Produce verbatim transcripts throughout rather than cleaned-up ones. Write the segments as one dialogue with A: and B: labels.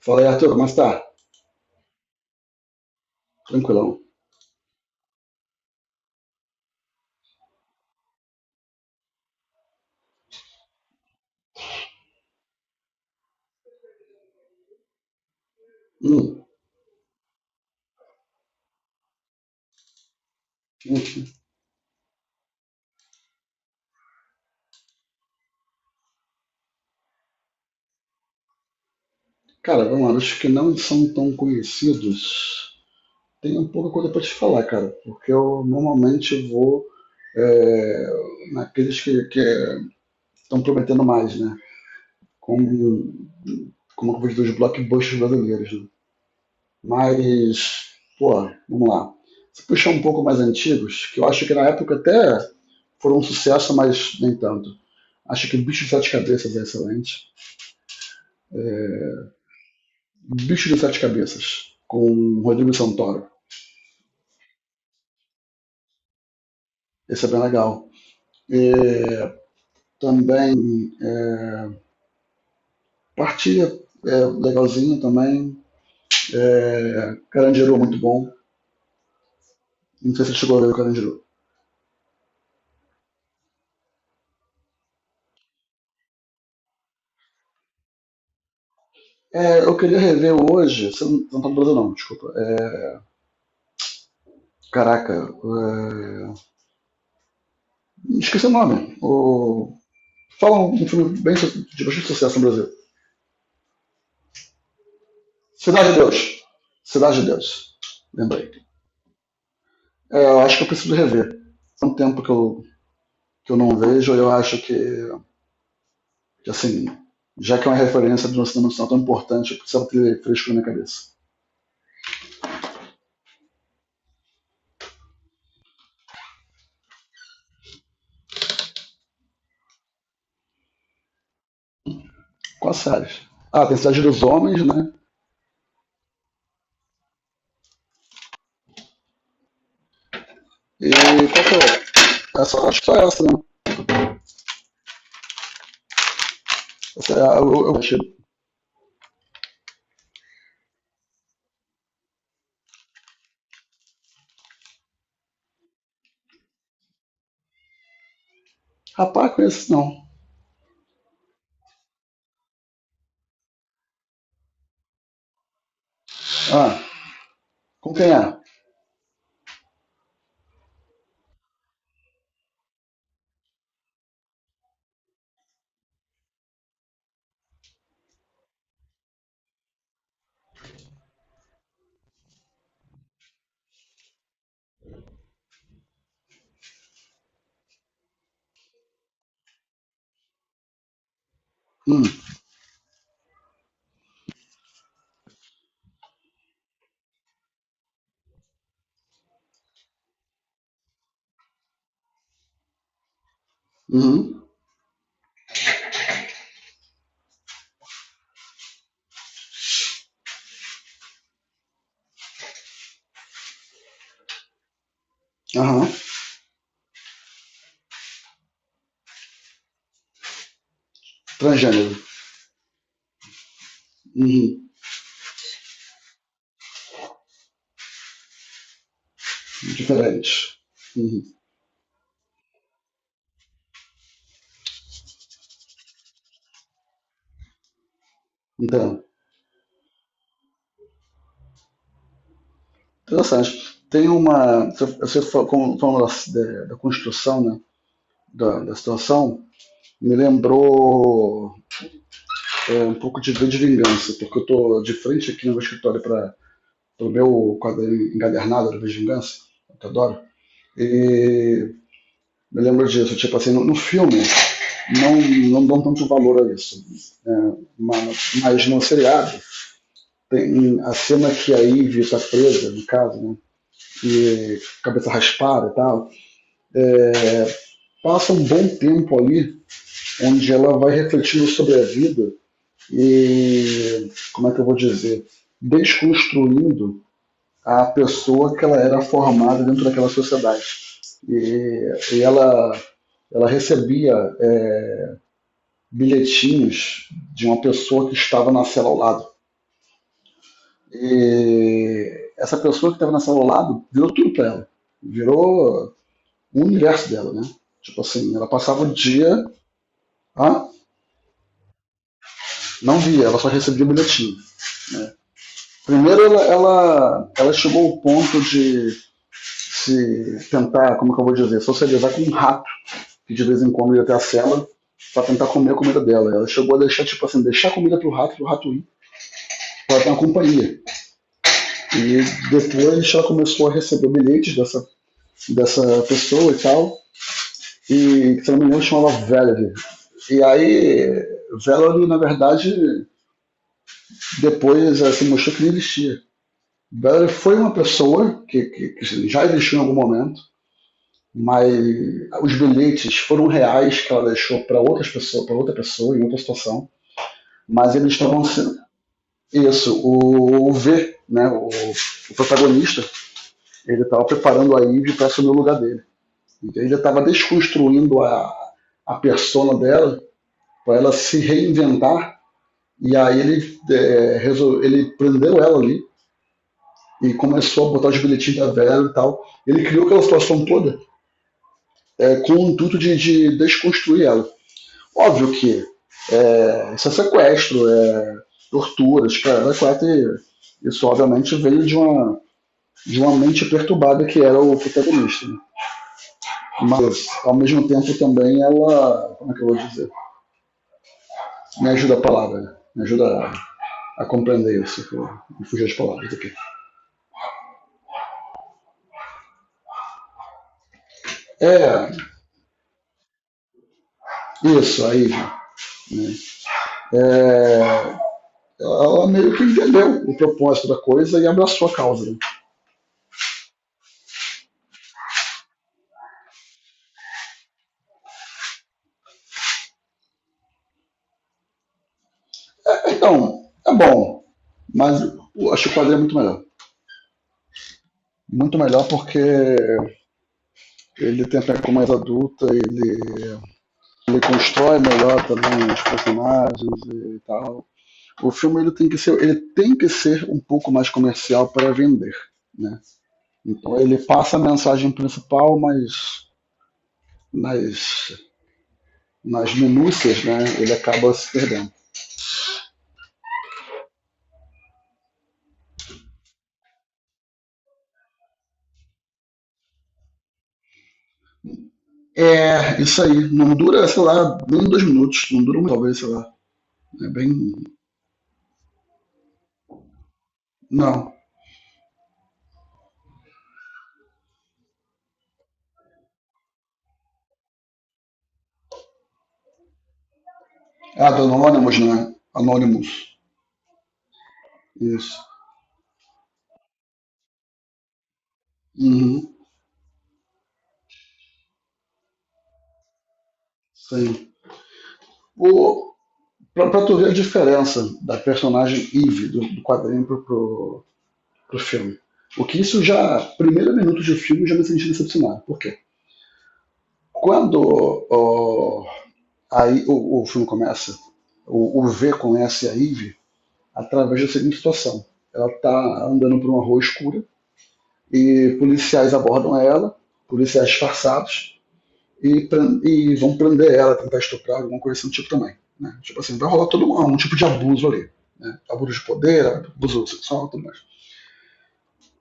A: Fala aí, Arthur, como é que tá? Tranquilão. Hum, hum. Cara, vamos lá, os que não são tão conhecidos, tem um pouco coisa pra te falar, cara, porque eu normalmente vou é, naqueles que estão prometendo mais, né? Como, como eu vejo dos blockbusters brasileiros, né? Mas, pô, vamos lá. Se puxar um pouco mais antigos, que eu acho que na época até foram um sucesso, mas nem tanto. Acho que Bicho de Sete Cabeças é excelente. É, Bicho de Sete Cabeças, com Rodrigo Santoro. Esse é bem legal. É, também é, Partilha é legalzinho também. É, Carandiru é muito bom. Não sei se você chegou a ver o Carandiru. É, eu queria rever hoje. Você não, não tá no Brasil, não, desculpa. É, caraca, é, esqueci o nome. O, fala um, um filme bem, so, de bastante sucesso no Brasil: Cidade de Deus. Cidade de Deus. Lembrei. É, eu acho que eu preciso rever. Há um tempo que eu que eu não vejo. Eu acho que, que assim, já que é uma referência de um cinema nacional tão importante, eu precisava ter fresco na minha cabeça. Quais séries? Ah, tem Cidade dos Homens, né? E qual que é? Essa, acho que só essa, né? Essa, eu, eu achei. Rapaz, conheço não. Ah, com quem é? Hum, uhum, aham. Transgênero. Uhum, diferente. Uhum. Então, interessante. Tem uma. Você falou da, da, da construção, né? Da, da situação, me lembrou é, um pouco de, de vingança, porque eu tô de frente aqui no meu escritório para o meu quadrinho encadernado de vingança, que eu adoro. E me lembro disso, tipo assim, no, no filme não, não dão tanto valor a isso, né? mas, mas no seriado tem a cena que a Ivy está presa, no caso, né? E cabeça raspada e tal, é, passa um bom tempo ali onde ela vai refletindo sobre a vida e como é que eu vou dizer, desconstruindo a pessoa que ela era formada dentro daquela sociedade. E, e ela, ela recebia é, bilhetinhos de uma pessoa que estava na cela ao lado. E essa pessoa que estava na cela ao lado virou tudo para ela. Virou o universo dela, né? Tipo assim, ela passava o dia, ah, não via, ela só recebia bilhetinho. Primeiro, ela, ela, ela chegou ao ponto de se tentar, como é que eu vou dizer, socializar com um rato que de vez em quando ia até a cela para tentar comer a comida dela. Ela chegou a deixar, tipo assim, deixar a comida pro rato, pro rato ir, pra ter uma companhia. E depois ela começou a receber bilhetes dessa, dessa pessoa e tal, e se não me engano chamava Valerie. E aí, Valerie, na verdade, depois ela se assim, mostrou que não existia. Valerie foi uma pessoa que, que, que já existiu em algum momento, mas os bilhetes foram reais que ela deixou para outras pessoas, para outra pessoa em outra situação, mas eles estavam sendo isso, o, o V, né, o, o protagonista, ele estava preparando a Ivy para assumir o lugar dele. Então ele estava desconstruindo a, a persona dela para ela se reinventar e aí ele é, resolve, ele prendeu ela ali e começou a botar os bilhetinhos da Vera e tal. Ele criou aquela situação toda é, com o intuito de, de desconstruir ela. Óbvio que é, isso é sequestro, é tortura, escrava quatro e isso obviamente veio de uma, de uma mente perturbada que era o protagonista. Né? Mas ao mesmo tempo também ela, como é que eu vou dizer? Me ajuda a palavra, né? Me ajuda a, a compreender isso, que eu fugi as palavras aqui. É, isso, aí, né? É, ela meio que entendeu o propósito da coisa e abraçou a causa. Né? Então, é bom, mas acho que o quadro é muito melhor. Muito melhor porque ele tem a pegada mais adulta, ele, ele constrói melhor também os personagens e tal. O filme ele tem que ser, ele tem que ser um pouco mais comercial para vender, né? Então ele passa a mensagem principal, mas nas nas minúcias, né? Ele acaba se perdendo. É, isso aí. Não dura, sei lá, nem dois minutos. Não dura muito, talvez, sei lá. É bem. Não. Ah, do Anonymous, né? Anonymous. Isso. Uhum. Sim. O, pra, pra tu ver a diferença da personagem Eve do, do quadrinho pro, pro, pro filme. O que isso já. Primeiro minuto de filme já me senti decepcionado. Por quê? Quando ó, aí, o, o filme começa, o, o V conhece a Eve através da seguinte situação. Ela tá andando por uma rua escura e policiais abordam ela, policiais disfarçados, e, e vão prender ela, tentar estuprar, alguma coisa assim do tipo também. Né? Tipo assim, vai rolar todo um, um tipo de abuso ali. Né? Abuso de poder, abuso sexual, tudo mais.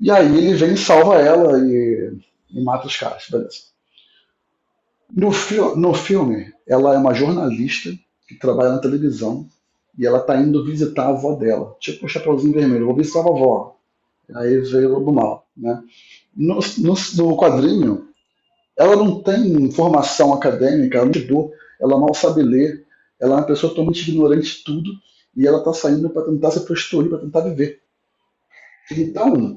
A: E aí ele vem e salva ela e, e mata os caras, beleza. No, fi no filme, ela é uma jornalista que trabalha na televisão e ela tá indo visitar a avó dela. Tipo o Chapeuzinho Vermelho, vou visitar a avó. Aí veio o Lobo Mal. Né? No, no, no quadrinho, ela não tem formação acadêmica, ela não estudou, ela mal sabe ler, ela é uma pessoa totalmente ignorante de tudo e ela está saindo para tentar se prostituir, para tentar viver. Então,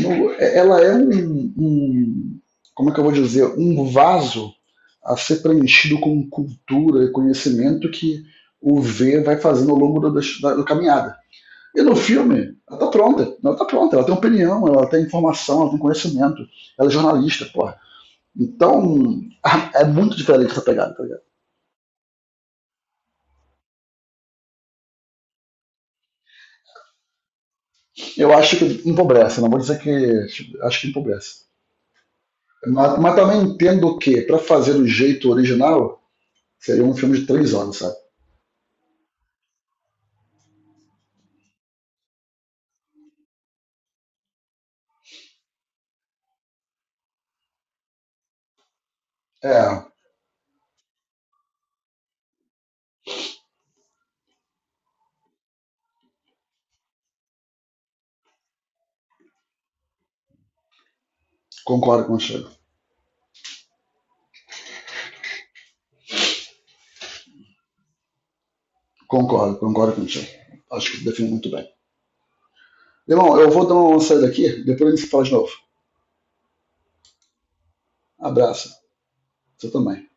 A: no, é, ela é um, um, como é que eu vou dizer, um vaso a ser preenchido com cultura e conhecimento que o V vai fazendo ao longo da, da, da caminhada. E no filme, ela tá pronta, ela tá pronta, ela tem opinião, ela tem informação, ela tem conhecimento, ela é jornalista, pô, então, é muito diferente essa pegada, tá ligado? Eu acho que empobrece, não vou dizer que. Acho que empobrece. Mas, mas também entendo que, para fazer do jeito original, seria um filme de três horas, sabe? É, concordo contigo. Concordo, concordo contigo. Acho que define muito bem. Irmão, eu vou dar uma saída aqui, depois a gente se fala de novo. Abraço. Você também.